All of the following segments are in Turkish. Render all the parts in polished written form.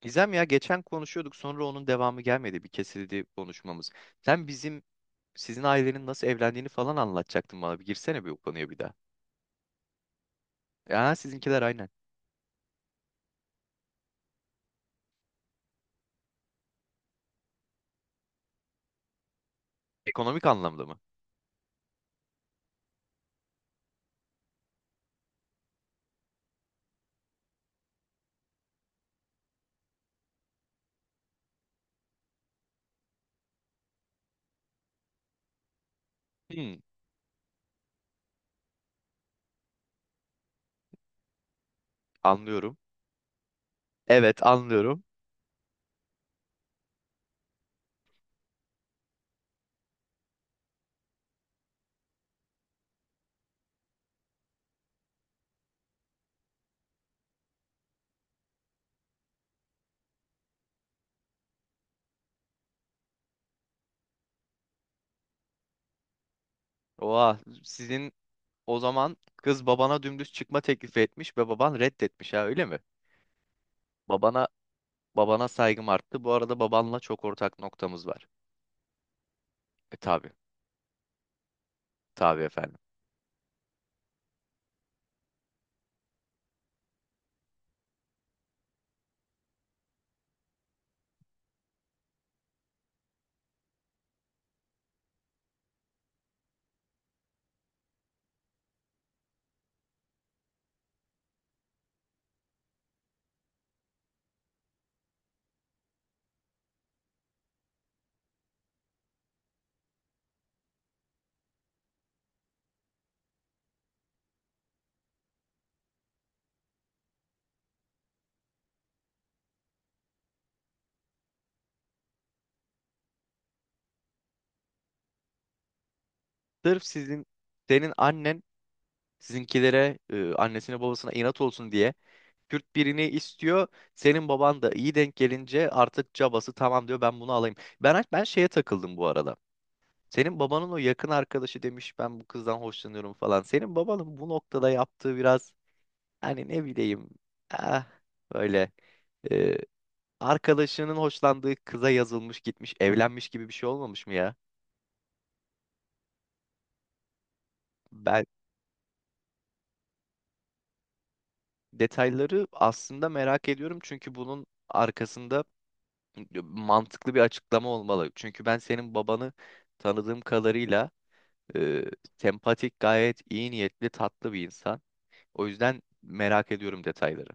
Gizem, ya geçen konuşuyorduk, sonra onun devamı gelmedi, bir kesildi konuşmamız. Sen sizin ailenin nasıl evlendiğini falan anlatacaktın bana, bir girsene bir o konuya bir daha. Ya sizinkiler, aynen. Ekonomik anlamda mı? Hmm, anlıyorum. Evet, anlıyorum. Oha, o zaman kız babana dümdüz çıkma teklifi etmiş ve baban reddetmiş ha, öyle mi? Babana babana saygım arttı. Bu arada babanla çok ortak noktamız var. E, tabi tabi efendim. Sırf senin annen sizinkilere, annesine babasına inat olsun diye Kürt birini istiyor. Senin baban da iyi denk gelince artık cabası, tamam diyor, ben bunu alayım. Ben şeye takıldım bu arada. Senin babanın o yakın arkadaşı demiş ben bu kızdan hoşlanıyorum falan. Senin babanın bu noktada yaptığı biraz, hani ne bileyim, ah, böyle, e, arkadaşının hoşlandığı kıza yazılmış, gitmiş, evlenmiş gibi bir şey olmamış mı ya? Ben detayları aslında merak ediyorum, çünkü bunun arkasında mantıklı bir açıklama olmalı. Çünkü ben senin babanı tanıdığım kadarıyla e, sempatik, gayet iyi niyetli, tatlı bir insan. O yüzden merak ediyorum detayları.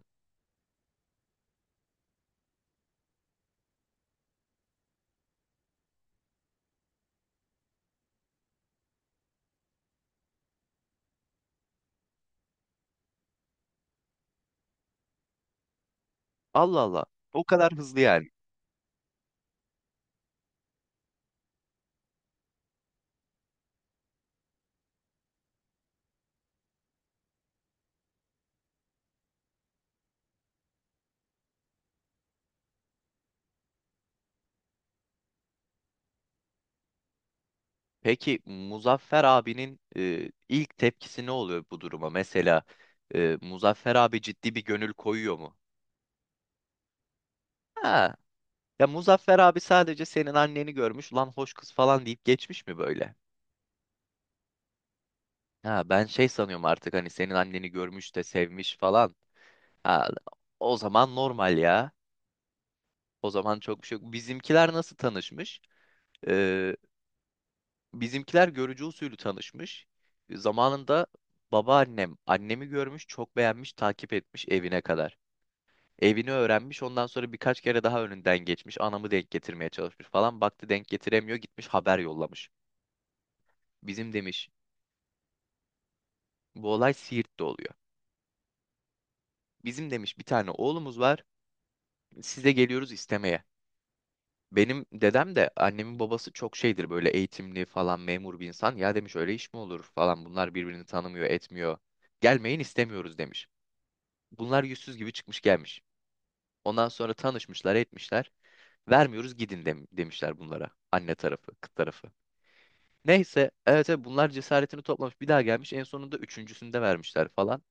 Allah Allah. O kadar hızlı yani. Peki Muzaffer abinin ilk tepkisi ne oluyor bu duruma? Mesela, Muzaffer abi ciddi bir gönül koyuyor mu? Ha. Ya Muzaffer abi sadece senin anneni görmüş, lan hoş kız falan deyip geçmiş mi böyle? Ha, ben şey sanıyorum artık, hani senin anneni görmüş de sevmiş falan. Ha, o zaman normal ya. O zaman çok bir şey yok. Bizimkiler nasıl tanışmış? Ee, Bizimkiler görücü usulü tanışmış. Zamanında babaannem annemi görmüş, çok beğenmiş, takip etmiş evine kadar. Evini öğrenmiş, ondan sonra birkaç kere daha önünden geçmiş. Anamı denk getirmeye çalışmış falan. Baktı denk getiremiyor, gitmiş haber yollamış. Bizim demiş, bu olay Siirt'te oluyor. Bizim demiş bir tane oğlumuz var. Size geliyoruz istemeye. Benim dedem de, annemin babası, çok şeydir böyle, eğitimli falan, memur bir insan. Ya demiş öyle iş mi olur falan, bunlar birbirini tanımıyor etmiyor. Gelmeyin, istemiyoruz demiş. Bunlar yüzsüz gibi çıkmış gelmiş. Ondan sonra tanışmışlar etmişler. Vermiyoruz, gidin demişler bunlara. Anne tarafı, kız tarafı. Neyse, evet evet, bunlar cesaretini toplamış bir daha gelmiş, en sonunda üçüncüsünde vermişler falan.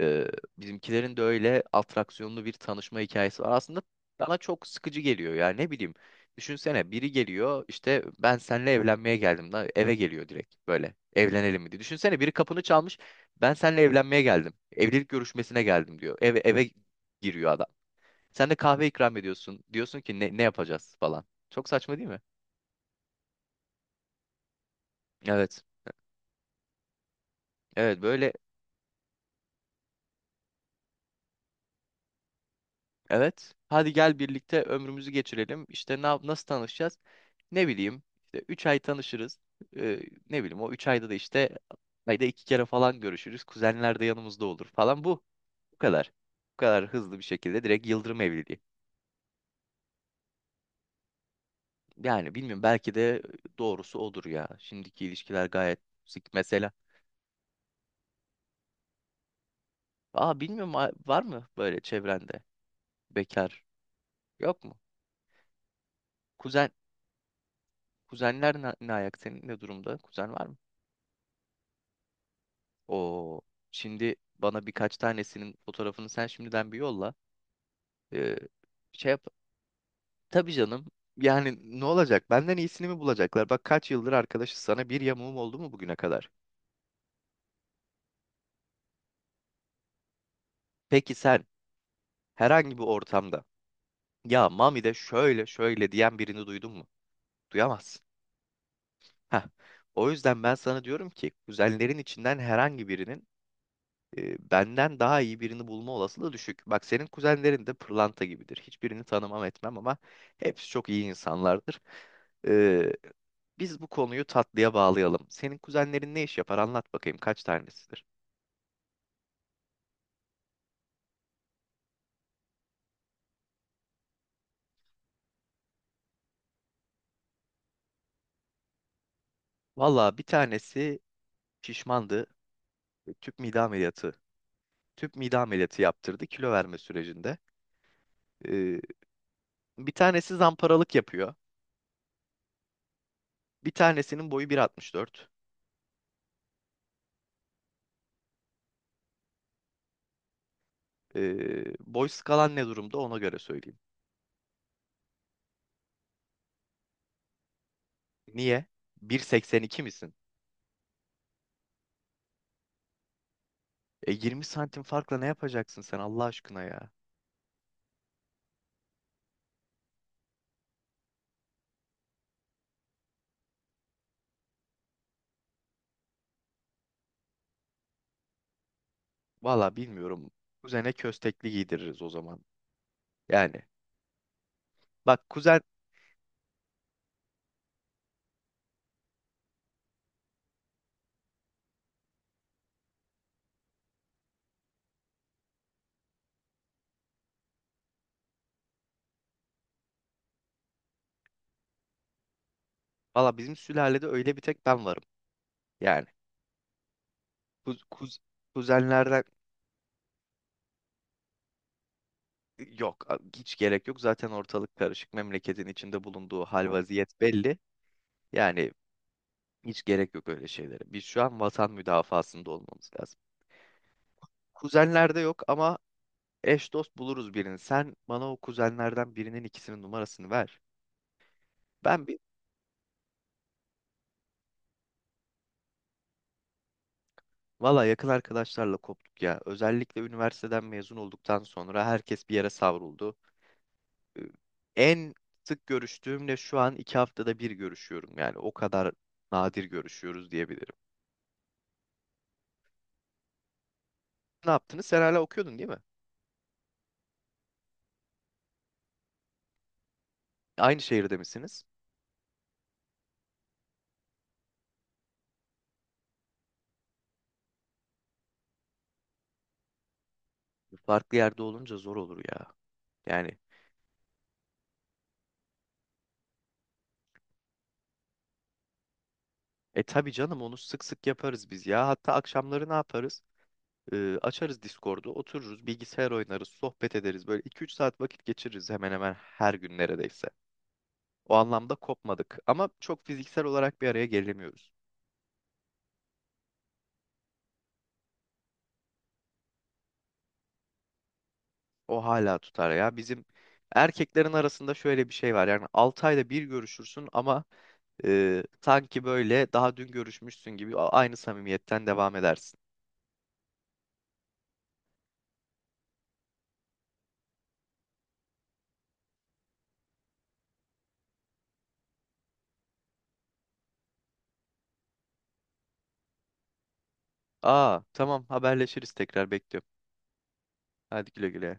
Ee, Bizimkilerin de öyle atraksiyonlu bir tanışma hikayesi var. Aslında bana çok sıkıcı geliyor ya, ne bileyim. Düşünsene biri geliyor, işte ben seninle evlenmeye geldim da, eve geliyor direkt, böyle evlenelim mi diye. Düşünsene biri kapını çalmış, ben seninle evlenmeye geldim. Evlilik görüşmesine geldim diyor. Eve, eve giriyor adam. Sen de kahve ikram ediyorsun. Diyorsun ki ne yapacağız falan. Çok saçma değil mi? Evet. Evet, böyle. Evet. Hadi gel birlikte ömrümüzü geçirelim. İşte nasıl tanışacağız? Ne bileyim, İşte 3 ay tanışırız. Ee, Ne bileyim, o 3 ayda da işte ayda 2 kere falan görüşürüz. Kuzenler de yanımızda olur falan bu. Bu kadar. Bu kadar hızlı bir şekilde direkt yıldırım evliliği. Yani bilmiyorum, belki de doğrusu odur ya. Şimdiki ilişkiler gayet sık mesela. Aa, bilmiyorum, var mı böyle çevrende bekar? Yok mu? Kuzen kuzenler ne ayak, senin ne durumda? Kuzen var mı? O şimdi bana birkaç tanesinin fotoğrafını sen şimdiden bir yolla. Ee, Şey yap. Tabii canım. Yani ne olacak? Benden iyisini mi bulacaklar? Bak kaç yıldır arkadaşız, sana bir yamuğum oldu mu bugüne kadar? Peki sen herhangi bir ortamda ya Mami de şöyle şöyle diyen birini duydun mu? Duyamazsın. Heh. O yüzden ben sana diyorum ki kuzenlerin içinden herhangi birinin benden daha iyi birini bulma olasılığı düşük. Bak, senin kuzenlerin de pırlanta gibidir. Hiçbirini tanımam etmem ama hepsi çok iyi insanlardır. E, biz bu konuyu tatlıya bağlayalım. Senin kuzenlerin ne iş yapar? Anlat bakayım, kaç tanesidir? Valla, bir tanesi şişmandı. Tüp mide ameliyatı. Tüp mide ameliyatı yaptırdı kilo verme sürecinde. E, Bir tanesi zamparalık yapıyor. Bir tanesinin boyu 1.64. E, Boy skalan ne durumda, ona göre söyleyeyim. Niye? 1.82 misin? 20 santim farkla ne yapacaksın sen Allah aşkına ya? Valla bilmiyorum. Kuzene köstekli giydiririz o zaman. Yani bak, kuzen, valla bizim sülalede öyle bir tek ben varım. Yani kuz, kuz, kuzenlerden yok, hiç gerek yok. Zaten ortalık karışık. Memleketin içinde bulunduğu hal vaziyet belli. Yani hiç gerek yok öyle şeylere. Biz şu an vatan müdafaasında olmamız lazım. Kuzenlerde yok ama eş dost buluruz birini. Sen bana o kuzenlerden birinin ikisinin numarasını ver. Ben Valla yakın arkadaşlarla koptuk ya. Özellikle üniversiteden mezun olduktan sonra herkes bir yere savruldu. Ee, En sık görüştüğümle şu an 2 haftada bir görüşüyorum. Yani o kadar nadir görüşüyoruz diyebilirim. Ne yaptınız? Sen hala okuyordun değil mi? Aynı şehirde misiniz? Farklı yerde olunca zor olur ya. Yani tabii canım, onu sık sık yaparız biz ya. Hatta akşamları ne yaparız? Açarız Discord'u, otururuz, bilgisayar oynarız, sohbet ederiz. Böyle 2-3 saat vakit geçiririz hemen hemen her gün neredeyse. O anlamda kopmadık. Ama çok fiziksel olarak bir araya gelemiyoruz. O hala tutar ya. Bizim erkeklerin arasında şöyle bir şey var. Yani 6 ayda bir görüşürsün ama sanki böyle daha dün görüşmüşsün gibi aynı samimiyetten devam edersin. Aa tamam, haberleşiriz, tekrar bekliyorum. Hadi güle güle.